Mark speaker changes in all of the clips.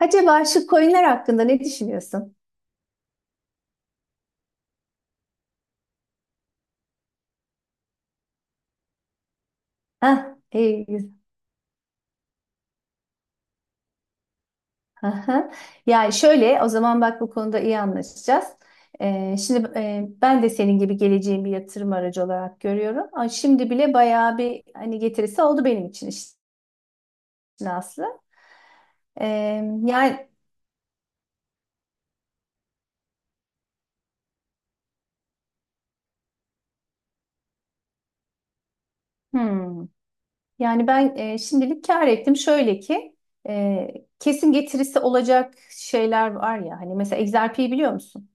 Speaker 1: Acaba şu coinler hakkında ne düşünüyorsun? Hah, iyi. Aha. Yani şöyle, o zaman bak bu konuda iyi anlaşacağız. Şimdi ben de senin gibi geleceğin bir yatırım aracı olarak görüyorum. Ama şimdi bile bayağı bir hani getirisi oldu benim için işin aslı. Ee, yani hmm. Yani ben şimdilik kâr ettim. Şöyle ki kesin getirisi olacak şeyler var ya. Hani mesela XRP'yi biliyor musun?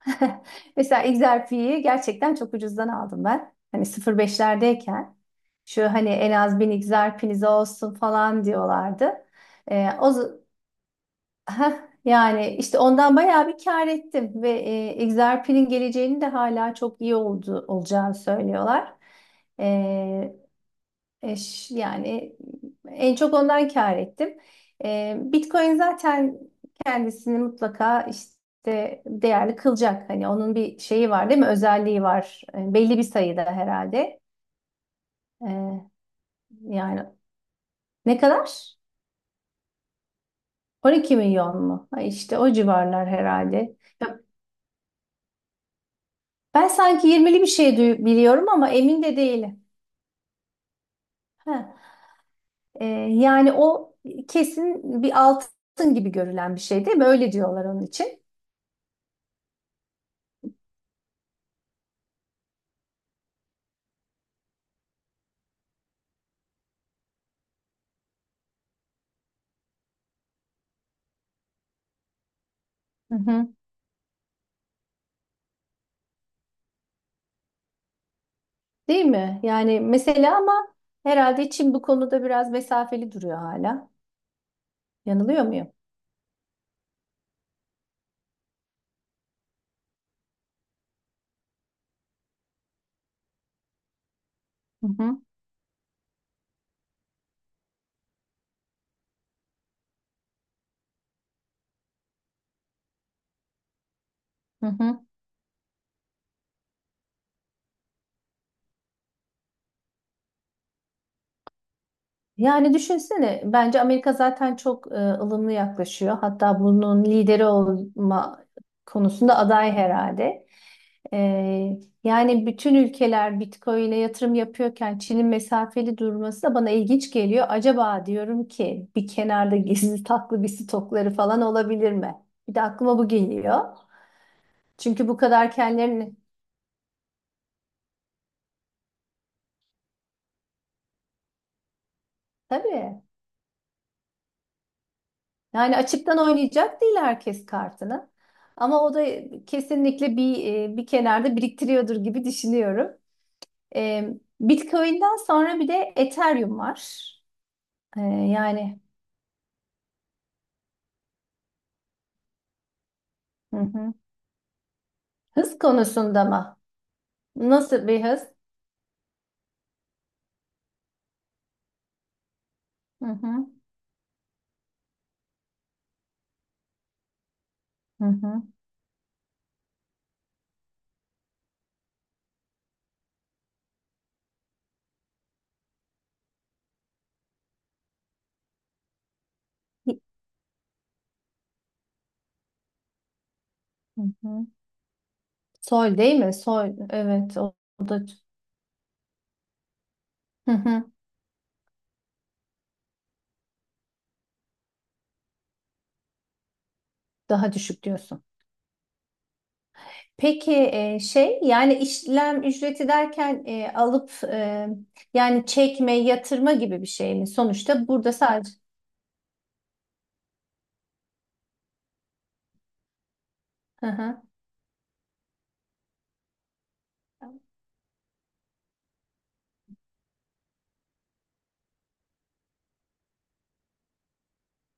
Speaker 1: Mesela XRP'yi gerçekten çok ucuzdan aldım ben. Hani 0,5'lerdeyken şu hani en az 1.000 Xerpe'niz olsun falan diyorlardı. Ee, o z- Yani işte ondan bayağı bir kâr ettim ve Xerpe'nin geleceğini de hala çok iyi oldu, olacağını söylüyorlar. Ee, Yani en çok ondan kâr ettim. Bitcoin zaten kendisini mutlaka işte değerli kılacak. Hani onun bir şeyi var değil mi? Özelliği var. Belli bir sayıda herhalde. Ee, Yani ne kadar? 12 milyon mu? Ha, işte o civarlar herhalde. Ya, ben sanki 20'li bir şey biliyorum ama emin de değilim. Ee, Yani o kesin bir altın gibi görülen bir şey değil mi? Öyle diyorlar onun için. Hı hı. Değil mi? Yani mesela ama herhalde Çin bu konuda biraz mesafeli duruyor hala. Yanılıyor muyum? Hı hı. Hı hı. Yani düşünsene bence Amerika zaten çok ılımlı yaklaşıyor. Hatta bunun lideri olma konusunda aday herhalde. E, Yani bütün ülkeler Bitcoin'e yatırım yapıyorken Çin'in mesafeli durması da bana ilginç geliyor. Acaba diyorum ki bir kenarda gizli taklı bir stokları falan olabilir mi? Bir de aklıma bu geliyor. Çünkü bu kadar kendilerini... Tabii. Yani açıktan oynayacak değil herkes kartını. Ama o da kesinlikle bir kenarda biriktiriyordur gibi düşünüyorum. E, Bitcoin'den sonra bir de Ethereum var. E, yani hı hı. Hız konusunda mı? Nasıl bir hız? Hı hı. Hı hı. Hı hı. Sol değil mi? Sol. Evet. O, o da hı hı. Daha düşük diyorsun. Peki şey yani işlem ücreti derken alıp yani çekme, yatırma gibi bir şey mi? Sonuçta burada sadece hı hı.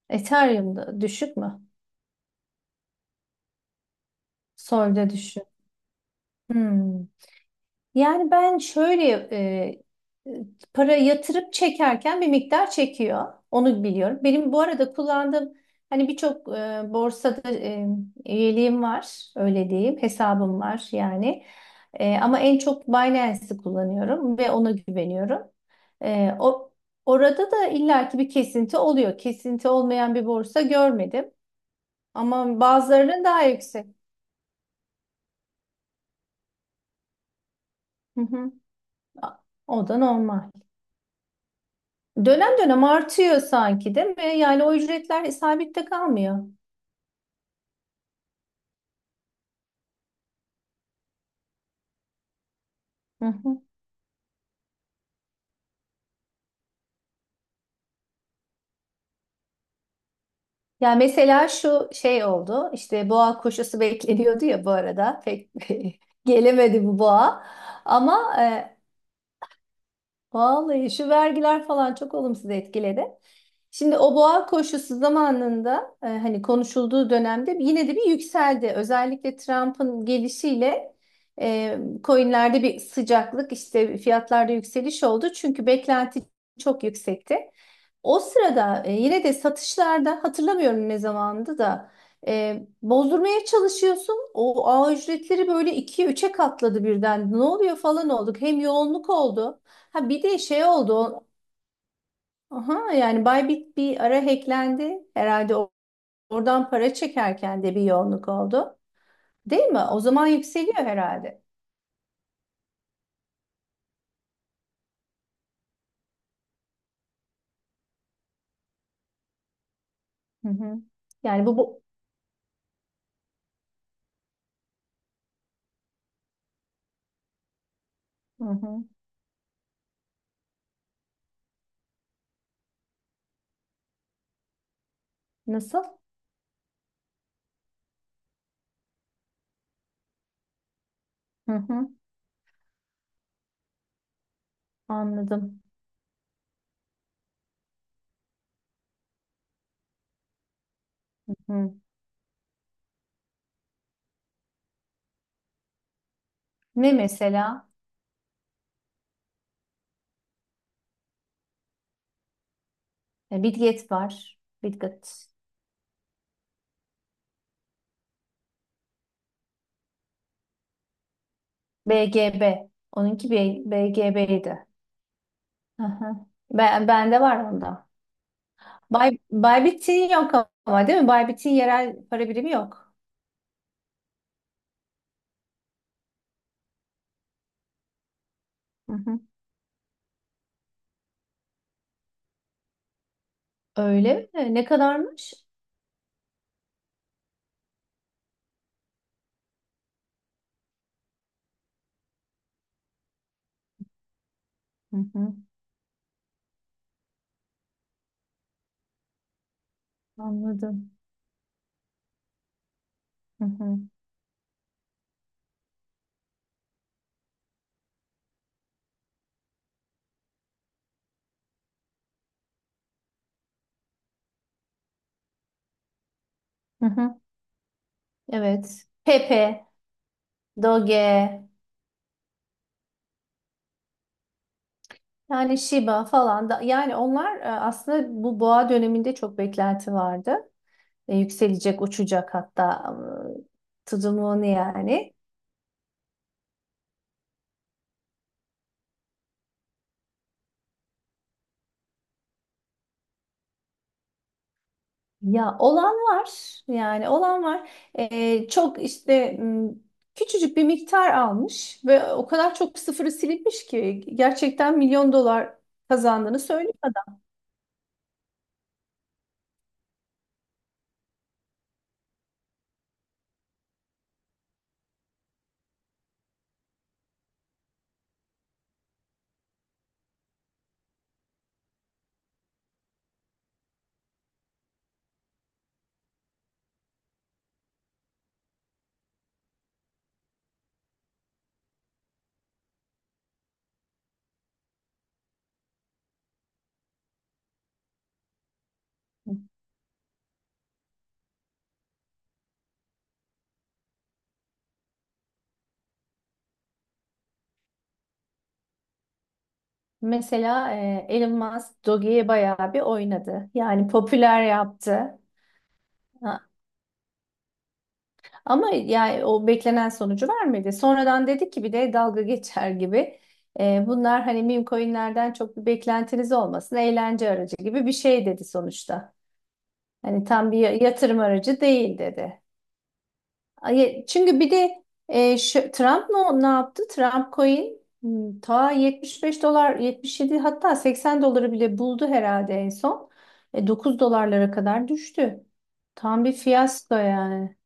Speaker 1: Ethereum'da düşük mü? Sol'da düşük. Hmm. Yani ben şöyle para yatırıp çekerken bir miktar çekiyor. Onu biliyorum. Benim bu arada kullandığım hani birçok borsada üyeliğim var. Öyle diyeyim. Hesabım var yani. Ama en çok Binance'i kullanıyorum ve ona güveniyorum. E, o Orada da illaki bir kesinti oluyor. Kesinti olmayan bir borsa görmedim. Ama bazılarının daha yüksek. Hı hı. O da normal. Dönem dönem artıyor sanki değil mi? Yani o ücretler sabit kalmıyor. Hı hı. Yani mesela şu şey oldu. İşte boğa koşusu bekleniyordu ya bu arada. Pek gelemedi bu boğa. Ama e, Vallahi şu vergiler falan çok olumsuz etkiledi. Şimdi o boğa koşusu zamanında hani konuşulduğu dönemde yine de bir yükseldi. Özellikle Trump'ın gelişiyle e, coinlerde bir sıcaklık işte fiyatlarda yükseliş oldu. Çünkü beklenti çok yüksekti. O sırada yine de satışlarda hatırlamıyorum ne zamandı da bozdurmaya çalışıyorsun. O ağ ücretleri böyle 2 üçe katladı birden. Ne oluyor falan olduk. Hem yoğunluk oldu. Ha bir de şey oldu. Aha, yani Bybit bir ara hacklendi. Herhalde oradan para çekerken de bir yoğunluk oldu. Değil mi? O zaman yükseliyor herhalde. Hı hı. Yani bu... Hı hı. Nasıl? Hı hı. Anladım. Hı. Ne mesela? E, Bitget var. Bitget. BGB. Onunki BGB'ydi. Hı hı. Bende var onda. Baybit'in yok ama değil mi? Baybit'in yerel para birimi yok. Hı hı. Öyle mi? Ne kadarmış? Hı hı. Anladım. Hı hı. Hı hı. Evet. Pepe, Doge, yani Shiba falan da yani onlar aslında bu boğa döneminde çok beklenti vardı. Yükselecek, uçacak hatta tutumunu yani. Ya olan var, yani olan var. Çok işte küçücük bir miktar almış ve o kadar çok sıfırı silinmiş ki gerçekten milyon dolar kazandığını söylüyor adam. Mesela Elon Musk Doge'ye bayağı bir oynadı yani popüler yaptı. Ama yani o beklenen sonucu vermedi. Sonradan dedik ki bir de dalga geçer gibi. Bunlar hani meme coinlerden çok bir beklentiniz olmasın. Eğlence aracı gibi bir şey dedi sonuçta. Hani tam bir yatırım aracı değil dedi. Çünkü bir de Trump ne yaptı? Trump coin ta 75 dolar 77 hatta 80 doları bile buldu herhalde en son. 9 dolarlara kadar düştü. Tam bir fiyasko yani.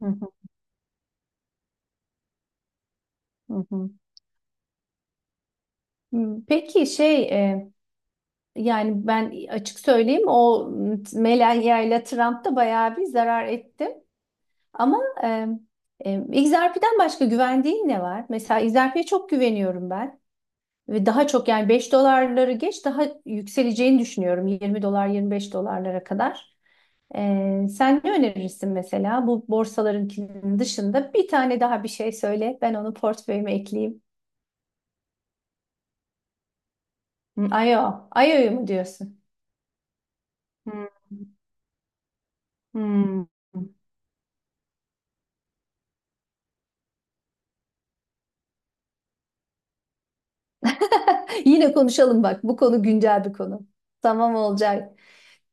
Speaker 1: Hı hı, hı hı. Hmm, peki şey yani ben açık söyleyeyim o Melania ile Trump da bayağı bir zarar etti. Ama e, XRP'den başka güvendiğin ne var? Mesela XRP'ye çok güveniyorum ben. Ve daha çok yani 5 doları geç daha yükseleceğini düşünüyorum. 20 dolar 25 dolarlara kadar. Sen ne önerirsin mesela bu borsalarınkinin dışında bir tane daha bir şey söyle. Ben onu portföyüme ekleyeyim. Hı, Ayo, ayoyu mu diyorsun? Hmm. Hmm. Yine konuşalım bak. Bu konu güncel bir konu. Tamam olacak.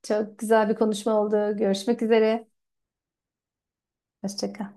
Speaker 1: Çok güzel bir konuşma oldu. Görüşmek üzere. Hoşça kal.